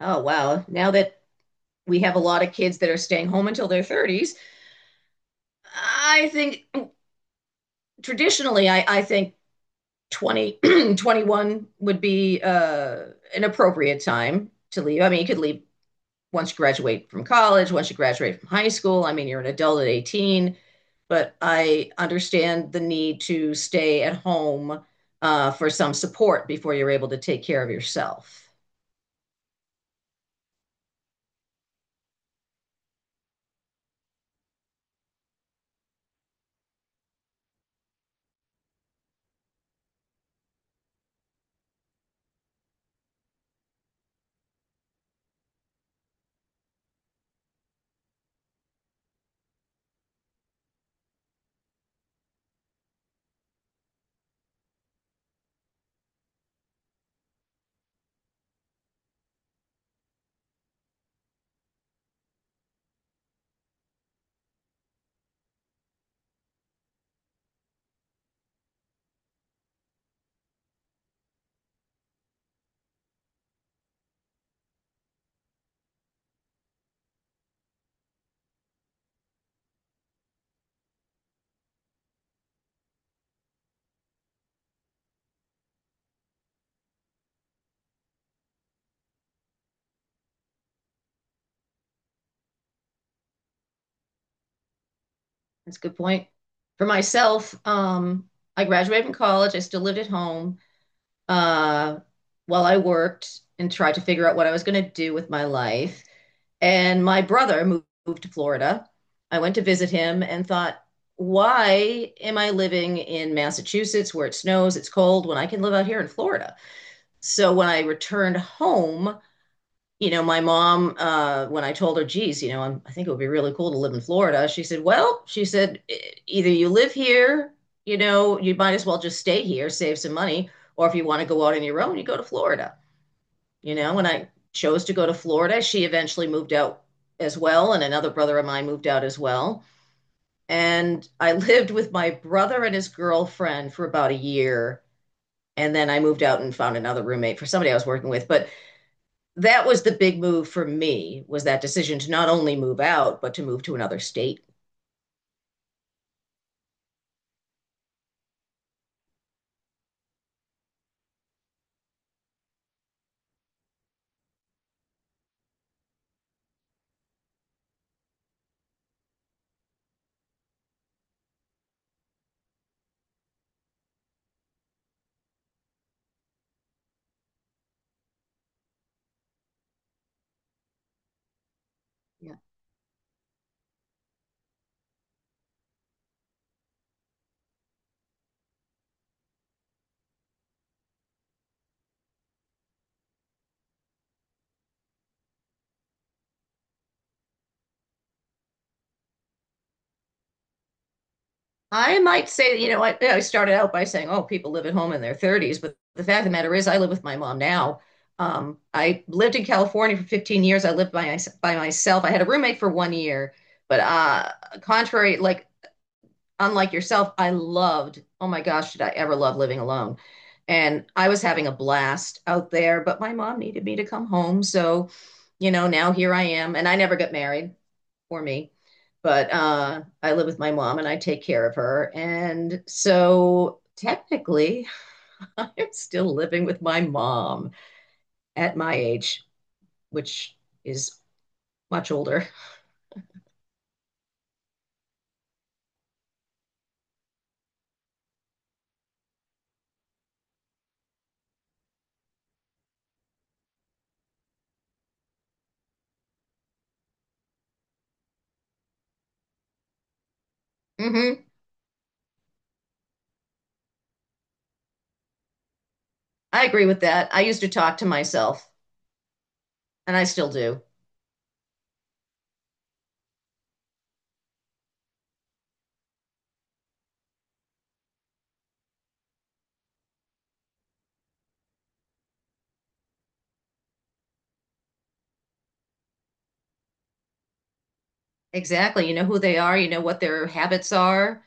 Oh, wow. Now that we have a lot of kids that are staying home until their 30s, I think traditionally, I think 20 21 would be an appropriate time to leave. I mean, you could leave once you graduate from college, once you graduate from high school. I mean, you're an adult at 18, but I understand the need to stay at home for some support before you're able to take care of yourself. That's a good point. For myself, I graduated from college. I still lived at home uh, while I worked and tried to figure out what I was going to do with my life. And my brother moved to Florida. I went to visit him and thought, why am I living in Massachusetts where it snows, it's cold, when I can live out here in Florida? So when I returned home, you know, my mom, when I told her, geez, you know, I think it would be really cool to live in Florida, she said, well, she said, either you live here, you know, you might as well just stay here, save some money, or if you want to go out on your own, you go to Florida, you know," when I chose to go to Florida. She eventually moved out as well, and another brother of mine moved out as well. And I lived with my brother and his girlfriend for about a year. And then I moved out and found another roommate for somebody I was working with. But that was the big move for me, was that decision to not only move out but to move to another state. Yeah. I might say, you know, I started out by saying, oh, people live at home in their 30s, but the fact of the matter is I live with my mom now. I lived in California for 15 years. I lived by myself. I had a roommate for one year, but contrary, like, unlike yourself, I loved — oh my gosh, did I ever love living alone? And I was having a blast out there, but my mom needed me to come home. So, you know, now here I am. And I never got married, for me, but I live with my mom and I take care of her. And so technically, I'm still living with my mom at my age, which is much older. Hmm. I agree with that. I used to talk to myself, and I still do. Exactly. You know who they are, you know what their habits are.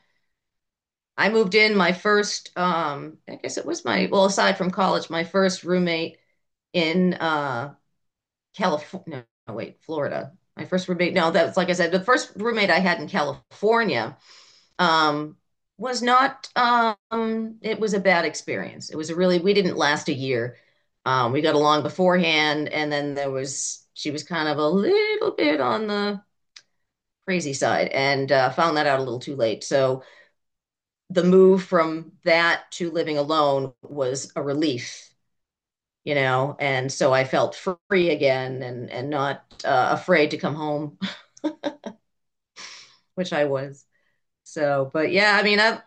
I moved in my first, I guess it was my, well, aside from college, my first roommate in California. No, no, wait, Florida. My first roommate, no, that's, like I said, the first roommate I had in California um was not, it was a bad experience. It was a really we didn't last a year. We got along beforehand, and then there was she was kind of a little bit on the crazy side, and found that out a little too late. So the move from that to living alone was a relief, you know, and so I felt free again, and not afraid to come home, which I was. So, but yeah, I mean, I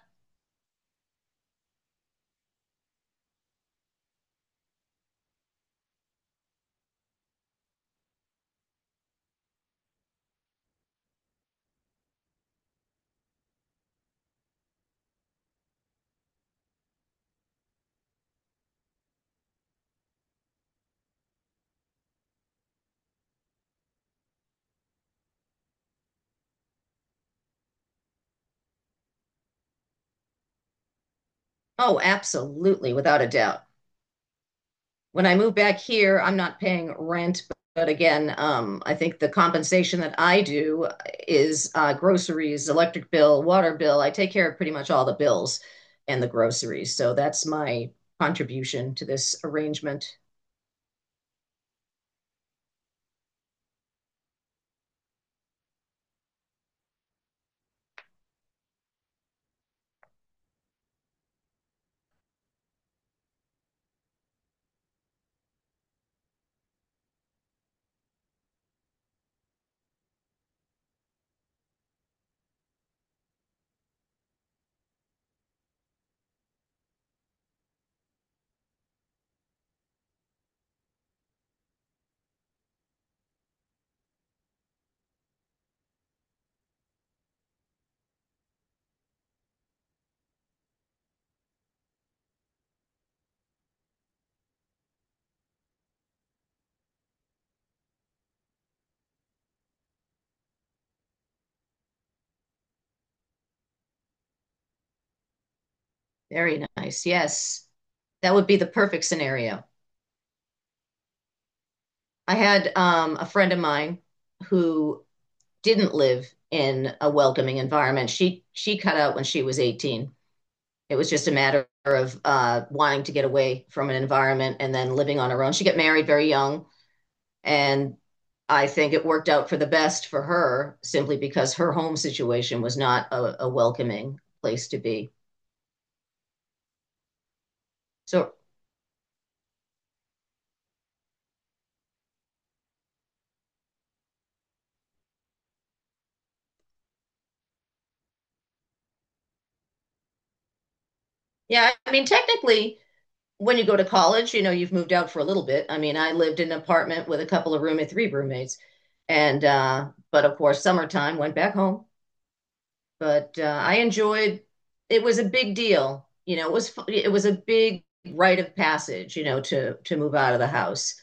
oh, absolutely, without a doubt. When I move back here, I'm not paying rent. But again, I think the compensation that I do is groceries, electric bill, water bill. I take care of pretty much all the bills and the groceries. So that's my contribution to this arrangement. Very nice. Yes. That would be the perfect scenario. I had a friend of mine who didn't live in a welcoming environment. She cut out when she was 18. It was just a matter of wanting to get away from an environment and then living on her own. She got married very young, and I think it worked out for the best for her simply because her home situation was not a welcoming place to be. So, yeah, I mean, technically, when you go to college, you know, you've moved out for a little bit. I mean, I lived in an apartment with a couple of roommates, three roommates. And, but of course, summertime went back home. But I enjoyed. It was a big deal, you know. It was it was a big rite of passage, you know, to move out of the house.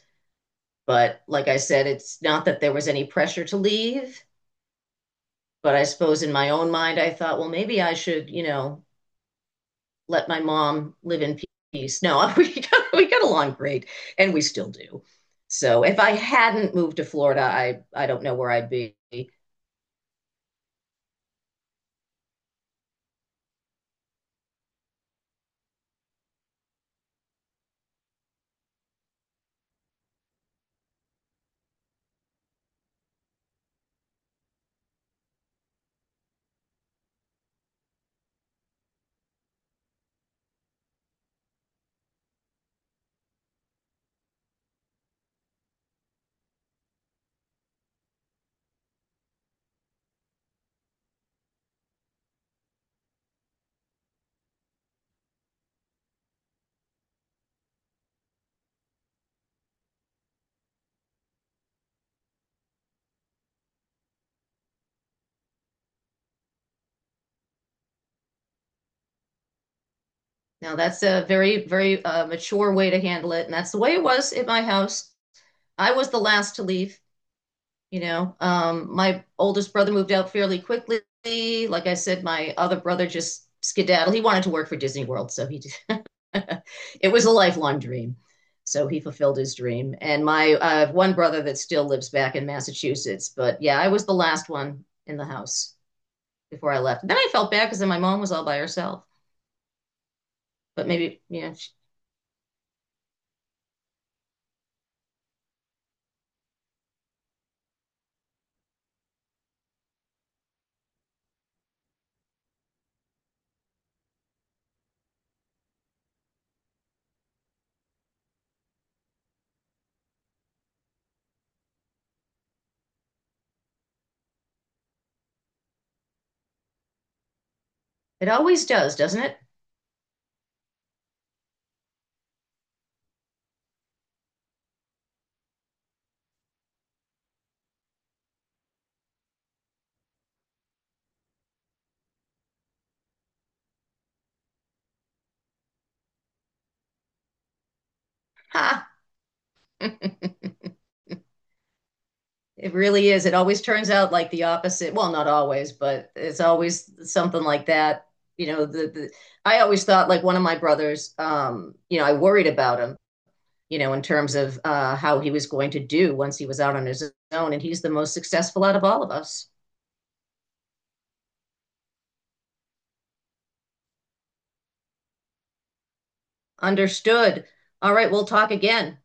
But like I said, it's not that there was any pressure to leave. But I suppose in my own mind, I thought, well, maybe I should, you know, let my mom live in peace. No, we got along great, and we still do. So if I hadn't moved to Florida, I don't know where I'd be. Now that's a very, very mature way to handle it, and that's the way it was in my house. I was the last to leave, you know. My oldest brother moved out fairly quickly. Like I said, my other brother just skedaddled. He wanted to work for Disney World, so he did. It was a lifelong dream. So he fulfilled his dream. And my one brother that still lives back in Massachusetts. But yeah, I was the last one in the house before I left. And then I felt bad because then my mom was all by herself. But maybe, you know, it always does, doesn't it? Ha. It really is. It always turns out like the opposite. Well, not always, but it's always something like that. You know, the I always thought, like, one of my brothers, you know, I worried about him, you know, in terms of how he was going to do once he was out on his own, and he's the most successful out of all of us. Understood. All right, we'll talk again.